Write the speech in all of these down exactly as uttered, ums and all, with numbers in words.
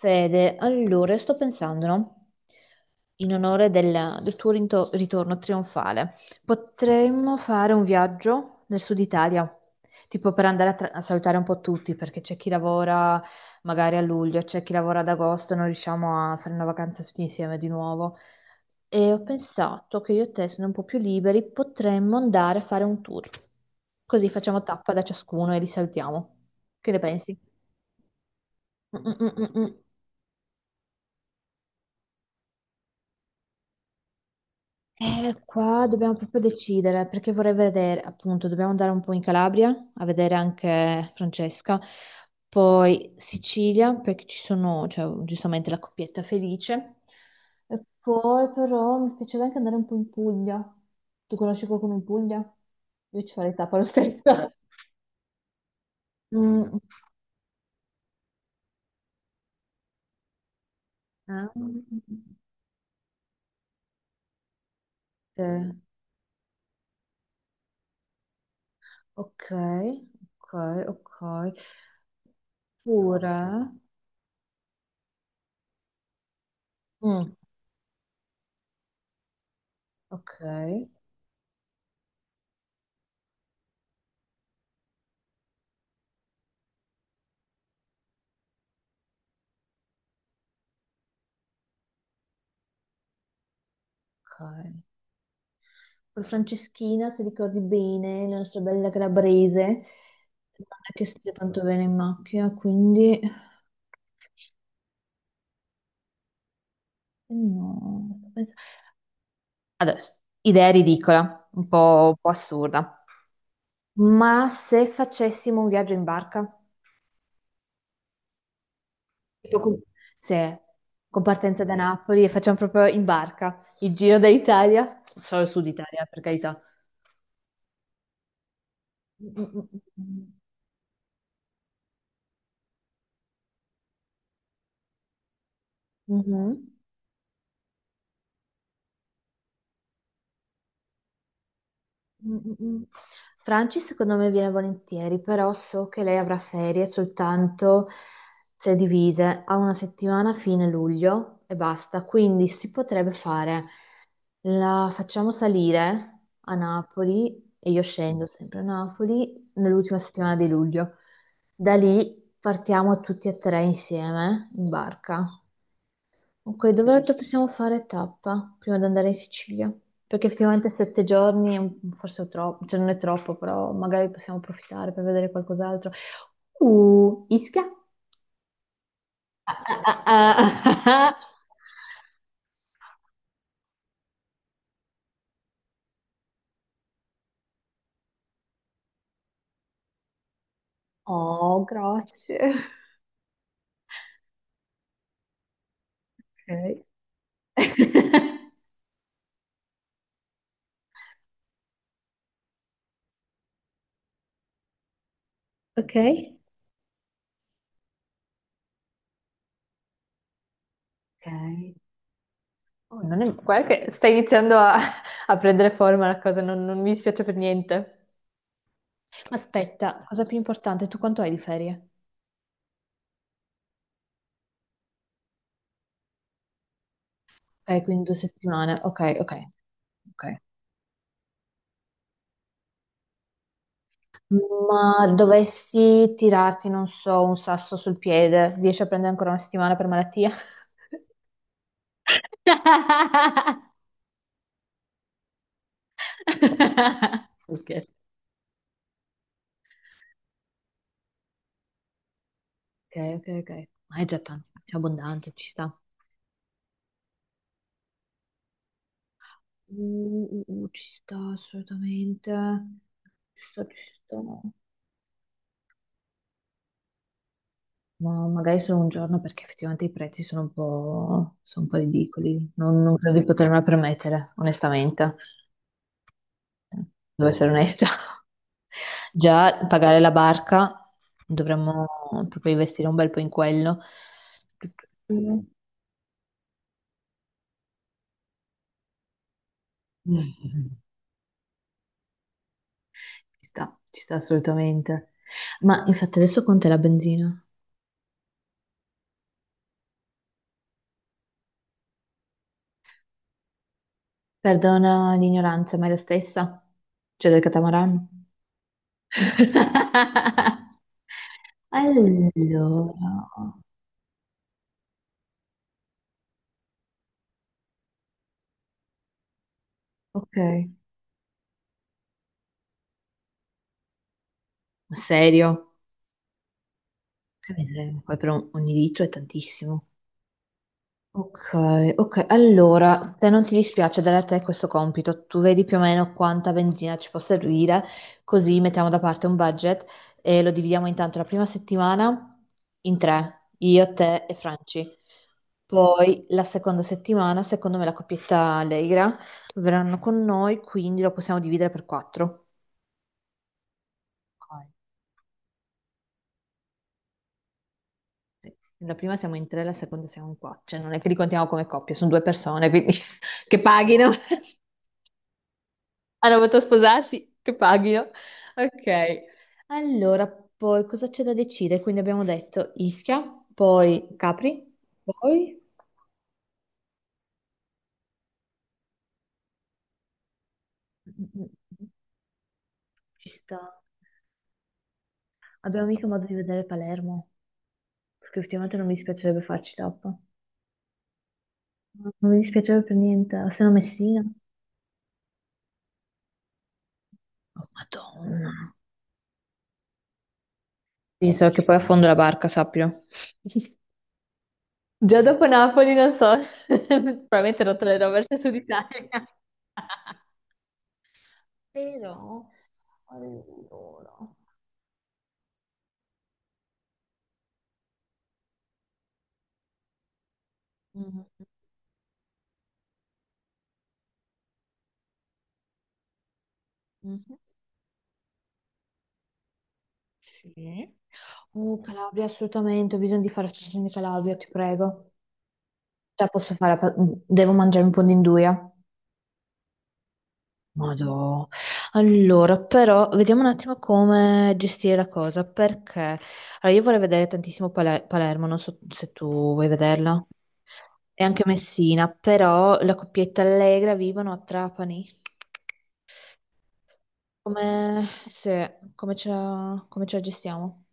Fede, allora, sto pensando, no? In onore del, del tuo rinto- ritorno trionfale, potremmo fare un viaggio nel sud Italia, tipo per andare a, tra- a salutare un po' tutti, perché c'è chi lavora magari a luglio, c'è chi lavora ad agosto, non riusciamo a fare una vacanza tutti insieme di nuovo. E ho pensato che io e te, sono un po' più liberi, potremmo andare a fare un tour. Così facciamo tappa da ciascuno e li salutiamo. Che ne pensi? Mm-mm-mm-mm. Eh, qua dobbiamo proprio decidere perché vorrei vedere, appunto, dobbiamo andare un po' in Calabria a vedere anche Francesca, poi Sicilia perché ci sono, cioè, giustamente la coppietta felice, e poi però mi piacerebbe anche andare un po' in Puglia. Tu conosci qualcuno in Puglia? Io ci farei tappa lo stesso. Mm, ah, eh, ok, ok, ok. Pure, mm, ok. Ok. Poi Franceschina, se ricordi bene, la nostra bella calabrese, non è che stia tanto bene in macchina, quindi eh, no. penso- Adesso, idea ridicola, un po', un po' assurda. Ma se facessimo un viaggio in barca, tipo con, se, con partenza da Napoli e facciamo proprio in barca il giro d'Italia, solo il sud Italia, per carità. Mm, mm, mm, mm. Mhm. Mm, mm, mm. Franci secondo me viene volentieri, però so che lei avrà ferie soltanto se divise a una settimana a fine luglio e basta, quindi si potrebbe fare, la facciamo salire a Napoli e io scendo sempre a Napoli nell'ultima settimana di luglio. Da lì partiamo tutti e tre insieme in barca. Ok, dove altro possiamo fare tappa prima di andare in Sicilia? Perché effettivamente sette giorni è un- forse è troppo, cioè non è troppo, però magari possiamo approfittare per vedere qualcos'altro. Uh, Ischia? Ah, ah, ah, ah, ah. Oh, grazie. Ok. Ok? Ok. Oh, non è. Guarda che sta iniziando a, a prendere forma la cosa, non, non mi dispiace per niente. Aspetta, cosa più importante, tu quanto hai di ferie? Ok, quindi due settimane. Ok, ok, ok. Ma dovessi tirarti, non so, un sasso sul piede, riesci a prendere ancora una settimana per malattia? Ok, ok, ok. Ok. Ma è già tanto, è abbondante, ci sta. Mm, mm, mm, ci sta assolutamente. Ci sta, ci sta. Ma magari solo un giorno perché effettivamente i prezzi sono un po', sono un po' ridicoli. Non, non credo di potermela permettere, onestamente. Devo essere onesta. Già pagare la barca, dovremmo proprio investire un bel po' in quello. Mm. Ci sta, ci sta assolutamente. Ma infatti adesso quant'è la benzina? Perdona l'ignoranza, ma è la stessa? Cioè del catamarano? Allora, ok. Ma serio? Che miseria. Poi per un, ogni litro è tantissimo. Ok, ok, allora, se non ti dispiace dare a te questo compito, tu vedi più o meno quanta benzina ci può servire, così mettiamo da parte un budget e lo dividiamo intanto la prima settimana in tre, io, te e Franci. Poi la seconda settimana, secondo me la coppietta Allegra verranno con noi, quindi lo possiamo dividere per quattro. Ok, sì. La prima siamo in tre, la seconda siamo in quattro, cioè non è che li contiamo come coppie, sono due persone, quindi che paghino. Hanno voluto sposarsi? Che paghino. Ok. Allora, poi cosa c'è da decidere? Quindi abbiamo detto Ischia, poi Capri. poi... Mm, ci sta. Abbiamo mica modo di vedere Palermo, perché ultimamente non mi dispiacerebbe farci tappa. Non mi dispiacerebbe per niente, o se no Messina. Oh, Madonna. Sì, so che poi affondo la barca, sappilo. Già dopo Napoli, non so, probabilmente non tornerò verso sud Italia. Però, allora, mm, mm, sì. Uh, Calabria, assolutamente, ho bisogno di fare stagione di Calabria, ti prego. Cioè, posso fare, pa- mm, devo mangiare un po' di induia. Madò. Allora, però, vediamo un attimo come gestire la cosa, perché allora, io vorrei vedere tantissimo Pale- Palermo, non so se tu vuoi vederla, e anche Messina, però la coppietta Allegra vivono a Trapani. Come, se, come ce la, come ce la gestiamo?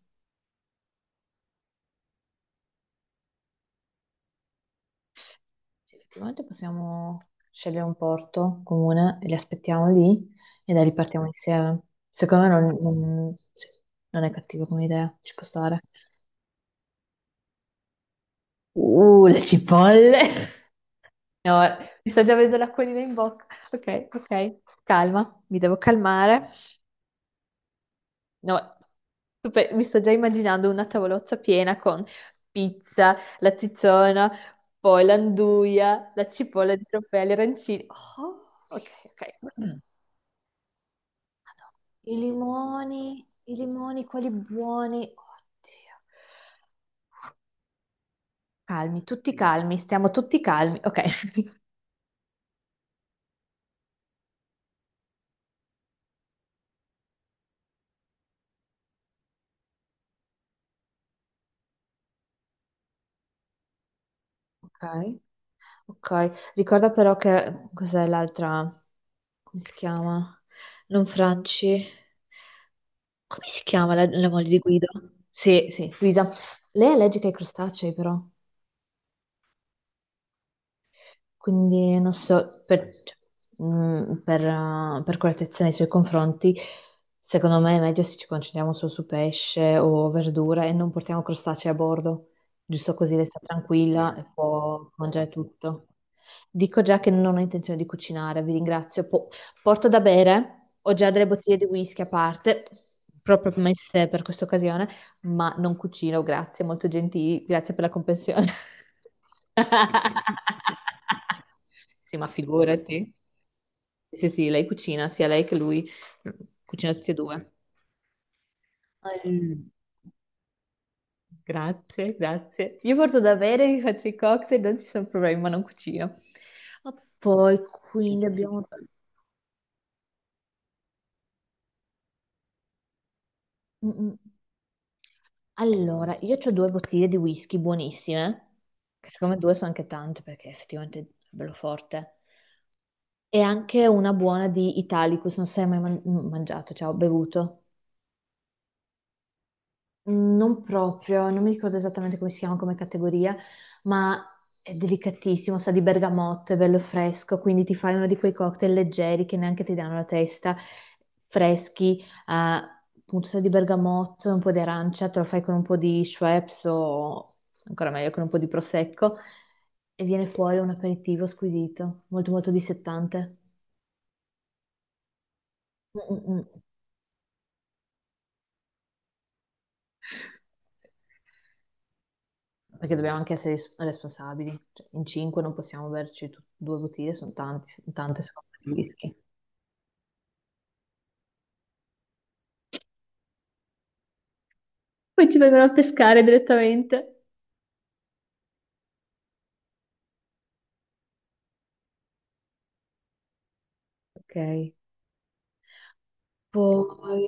Sì, effettivamente possiamo scegliere un porto comune e li aspettiamo lì e da lì partiamo insieme. Secondo me non, non- sì, non è cattiva come idea, ci può stare. Uh, le cipolle! No, mi sta già vedendo l'acquolina in bocca. Ok, ok, calma, mi devo calmare. No, super- mi sto già immaginando una tavolozza piena con pizza, la tizzona, poi l'anduia, la cipolla di trofeo, gli arancini. Oh, ok, ok. Madonna. I limoni, i limoni, quelli buoni. Oddio. Calmi, tutti calmi, stiamo tutti calmi. Ok. Ok. Ok, ricorda però che cos'è l'altra, come si chiama? Non Franci. Come si chiama la, la moglie di Guido? Sì, sì, Luisa. Lei è allergica ai crostacei, però, quindi non so, per, cioè, mm, per, eh, per correttezza nei suoi confronti, secondo me è meglio se ci concentriamo solo su pesce o verdure e non portiamo crostacei a bordo, giusto così lei sta tranquilla e può mangiare tutto. Dico già che non ho intenzione di cucinare, vi ringrazio. Po- porto da bere, ho già delle bottiglie di whisky a parte, proprio messe per questa occasione. Ma non cucino, grazie, molto gentili, grazie per la comprensione. Sì, ma figurati. Sì, sì, lei cucina, sia lei che lui, cucina tutti e due. All- Grazie, grazie. Io porto da bere, mi faccio i cocktail, non ci sono problemi, ma non cucino. Ma poi quindi abbiamo. Mm, mm. Allora, io ho due bottiglie di whisky buonissime, che secondo me due sono anche tante perché effettivamente è bello forte. E anche una buona di Italicus, non so se hai mai man- mangiato, cioè ho bevuto. Mm, Non proprio, non mi ricordo esattamente come si chiama come categoria, ma è delicatissimo, sa di bergamotto, è bello fresco, quindi ti fai uno di quei cocktail leggeri che neanche ti danno la testa, freschi, eh, appunto sa di bergamotto, un po' di arancia, te lo fai con un po' di Schweppes o ancora meglio con un po' di prosecco e viene fuori un aperitivo squisito, molto molto dissettante. Mm, mm, mm. Perché dobbiamo anche essere ris- responsabili. Cioè, in cinque non possiamo berci tu- due bottiglie, sono tanti, tante secondo me di whisky. Poi ci vengono a pescare direttamente. Ok. Poi.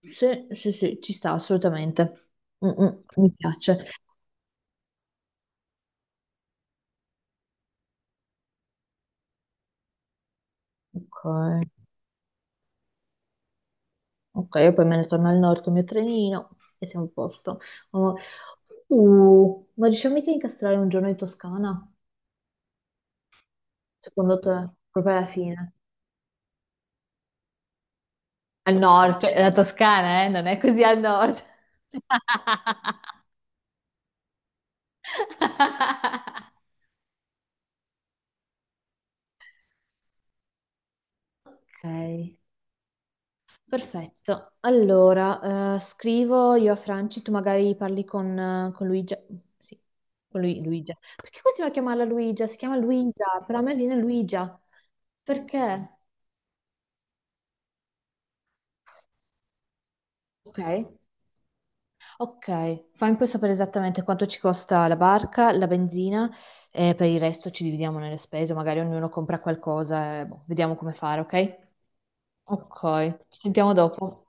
Sì, sì, sì, ci sta assolutamente. Mm, mm, mi piace. Ok, ok, io poi me ne torno al nord con il mio trenino e siamo a posto. Oh, Uh, ma riusciamo mica a incastrare un giorno in Toscana? Secondo te? Proprio alla fine? Al nord, cioè, la Toscana, eh? Non è così al nord. Ok, perfetto. Allora, eh, scrivo io a Franci, tu magari parli con, eh, con Luigia. Sì, con Lui- Luigia. Perché continuo a chiamarla Luigia? Si chiama Luisa, però a me viene Luigia. Perché? Ok, ok. Fammi poi sapere esattamente quanto ci costa la barca, la benzina e per il resto ci dividiamo nelle spese, magari ognuno compra qualcosa e boh, vediamo come fare, ok? Ok, ci sentiamo dopo.